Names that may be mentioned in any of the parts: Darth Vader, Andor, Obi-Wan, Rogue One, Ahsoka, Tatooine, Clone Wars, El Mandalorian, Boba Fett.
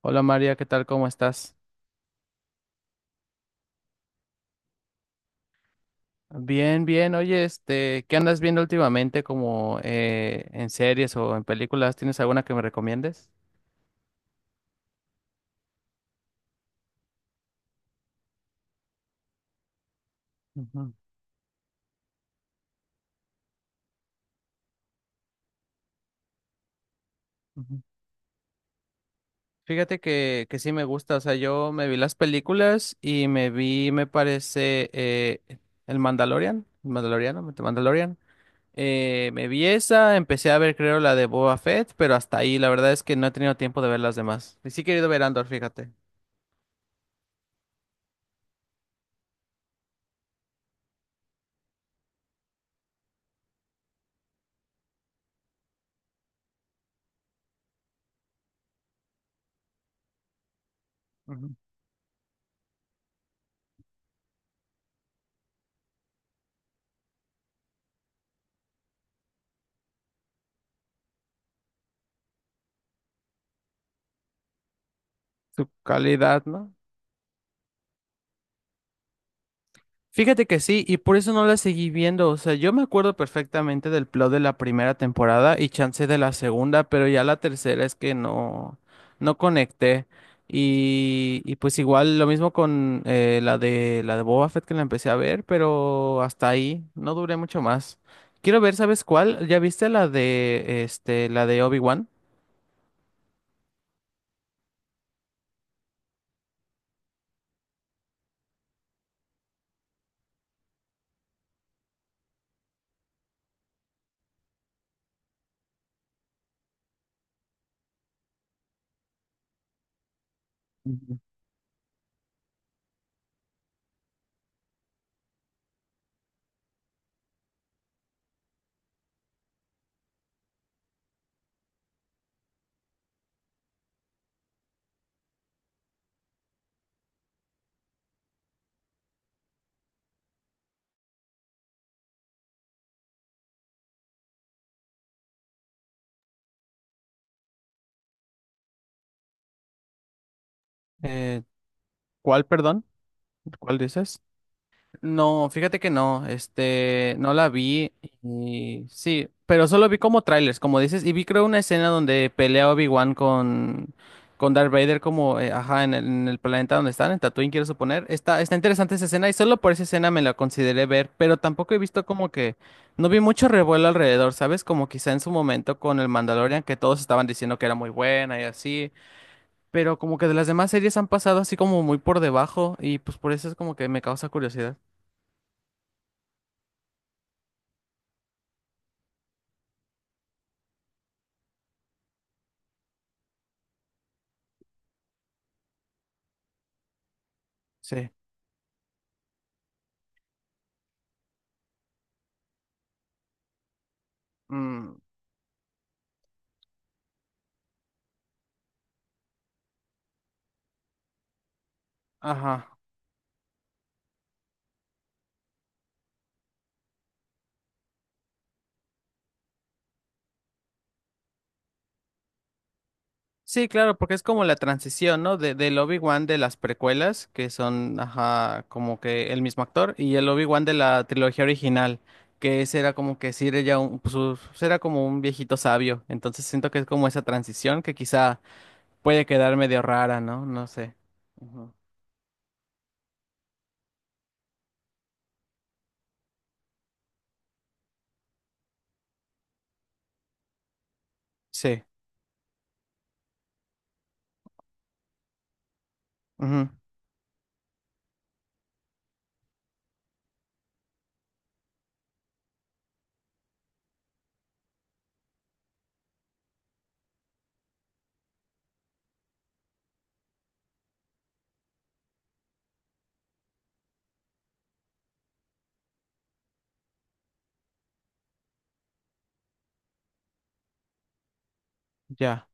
Hola María, ¿qué tal? ¿Cómo estás? Bien, bien. Oye, este, ¿qué andas viendo últimamente como en series o en películas? ¿Tienes alguna que me recomiendes? Ujú, ujú. Fíjate que sí me gusta, o sea, yo me vi las películas y me vi, me parece, El Mandalorian, El Mandaloriano, The Mandalorian. Me vi esa, empecé a ver creo la de Boba Fett, pero hasta ahí, la verdad es que no he tenido tiempo de ver las demás. Y sí he querido ver Andor, fíjate. Ujú. Su calidad, ¿no? Fíjate que sí, y por eso no la seguí viendo. O sea, yo me acuerdo perfectamente del plot de la primera temporada y chance de la segunda, pero ya la tercera es que no conecté. Y pues igual lo mismo con la de Boba Fett que la empecé a ver, pero hasta ahí, no duré mucho más. Quiero ver, ¿sabes cuál? ¿Ya viste la de este, la de Obi-Wan? Ujú. Eh, ¿Cuál, perdón? ¿Cuál dices? No, fíjate que no, este, no la vi y sí, pero solo vi como trailers, como dices, y vi creo una escena donde pelea Obi-Wan con Darth Vader como, ajá, en el planeta donde están, en Tatooine quiero suponer. Está interesante esa escena y solo por esa escena me la consideré ver, pero tampoco he visto como que, no vi mucho revuelo alrededor, ¿sabes? Como quizá en su momento con el Mandalorian que todos estaban diciendo que era muy buena y así. Pero como que de las demás series han pasado así como muy por debajo y pues por eso es como que me causa curiosidad. Sí. Mm, ajá. Sí, claro, porque es como la transición, ¿no? De, del Obi-Wan de las precuelas, que son, ajá, como que el mismo actor, y el Obi-Wan de la trilogía original, que ese era como que sí era ya un, pues, pues, era como un viejito sabio. Entonces siento que es como esa transición que quizá puede quedar medio rara, ¿no? No sé. Ujú. Sí. Ujú, ya.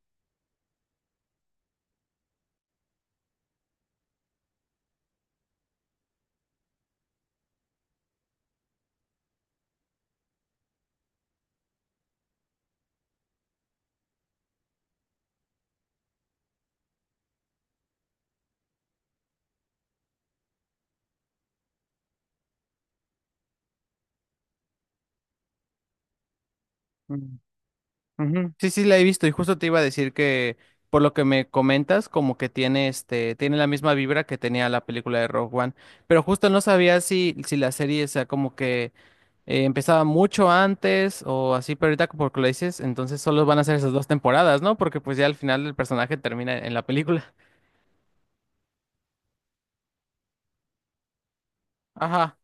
Mm. Ujú. Sí, sí, la he visto y justo te iba a decir que por lo que me comentas, como que tiene este, tiene la misma vibra que tenía la película de Rogue One, pero justo no sabía si, si la serie, o sea, como que empezaba mucho antes o así, pero ahorita porque lo dices, entonces solo van a ser esas dos temporadas, ¿no? Porque pues ya al final el personaje termina en la película. Ajá.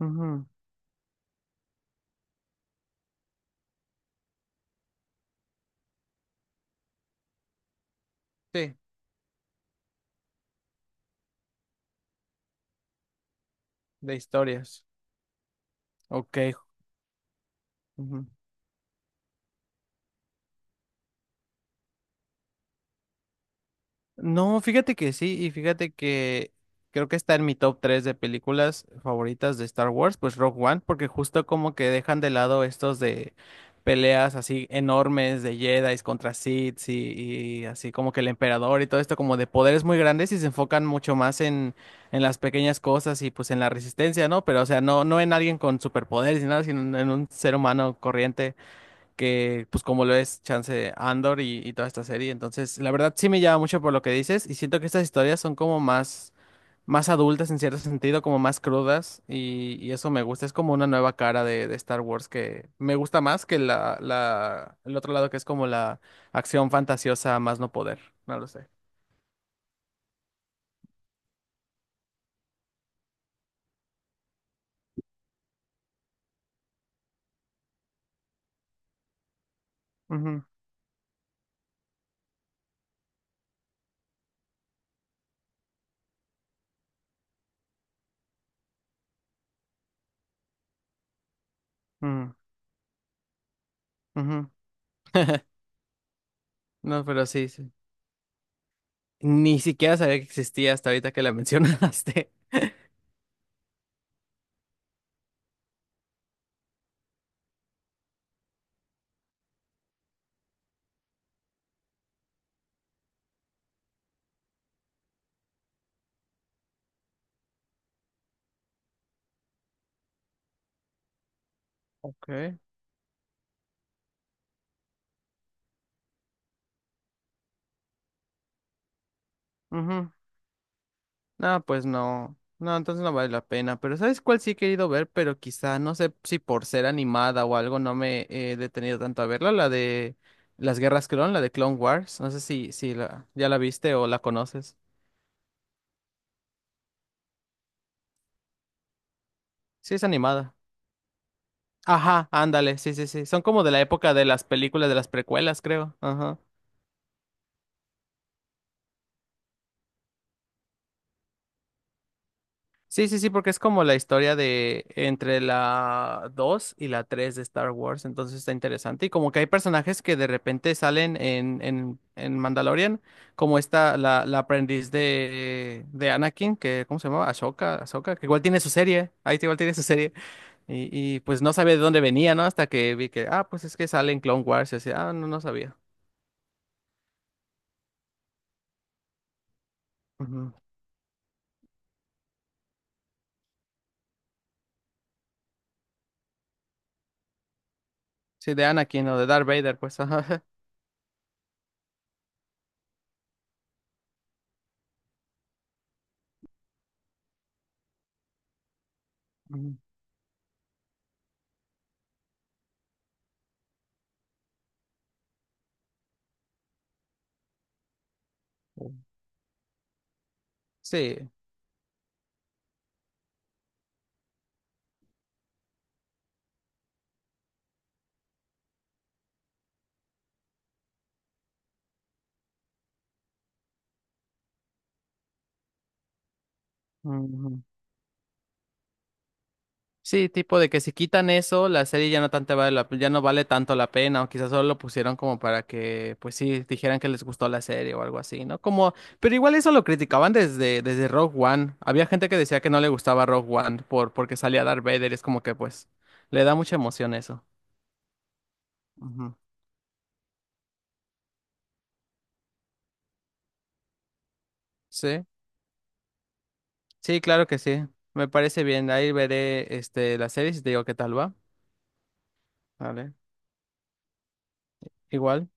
Ujú. Sí, de historias. Ok. Ujú. No, fíjate que sí, y fíjate que creo que está en mi top 3 de películas favoritas de Star Wars, pues Rogue One, porque justo como que dejan de lado estos de peleas así enormes de Jedi contra Sith y así como que el emperador y todo esto como de poderes muy grandes y se enfocan mucho más en las pequeñas cosas y pues en la resistencia, ¿no? Pero o sea, no, no en alguien con superpoderes ni nada, sino en un ser humano corriente que pues como lo es Chance Andor y toda esta serie. Entonces, la verdad sí me llama mucho por lo que dices y siento que estas historias son como más, más adultas en cierto sentido, como más crudas y eso me gusta. Es como una nueva cara de Star Wars que me gusta más que el otro lado que es como la acción fantasiosa a más no poder. No lo sé. Ujú, ujú, ujú. No, pero sí, sí. Ni siquiera sabía que existía hasta ahorita que la mencionaste. Ok. Ujú. No, pues no. No, entonces no vale la pena. Pero ¿sabes cuál sí he querido ver? Pero quizá, no sé si por ser animada o algo no me he detenido tanto a verla. La de las Guerras Clon, la de Clone Wars. No sé si, si la, ya la viste o la conoces. Sí, es animada. Ajá, ándale, sí, sí, sí. Son como de la época de las películas de las precuelas, creo. Ajá. Sí, sí, sí, porque es como la historia de entre la 2 y la 3 de Star Wars, entonces está interesante. Y como que hay personajes que de repente salen en Mandalorian, como esta, la aprendiz de Anakin, que, ¿cómo se llamaba? Ahsoka, Ahsoka, que igual tiene su serie, ahí sí igual tiene su serie. Y pues no sabía de dónde venía, ¿no? Hasta que vi que, ah, pues es que sale en Clone Wars, y así, ah, no, no sabía. Ujú. Sí, de Anakin o de Darth Vader, pues, ajá. Ujú. Sí. Ujú. Sí, tipo de que si quitan eso, la serie ya no tanto vale la, ya no vale tanto la pena, o quizás solo lo pusieron como para que, pues sí, dijeran que les gustó la serie o algo así, ¿no? Como, pero igual eso lo criticaban desde, desde Rogue One. Había gente que decía que no le gustaba Rogue One por, porque salía Darth Vader, es como que pues le da mucha emoción eso. Ujú. Sí, sí, claro que sí. Me parece bien. Ahí veré este la serie y te digo qué tal va. Vale. Igual.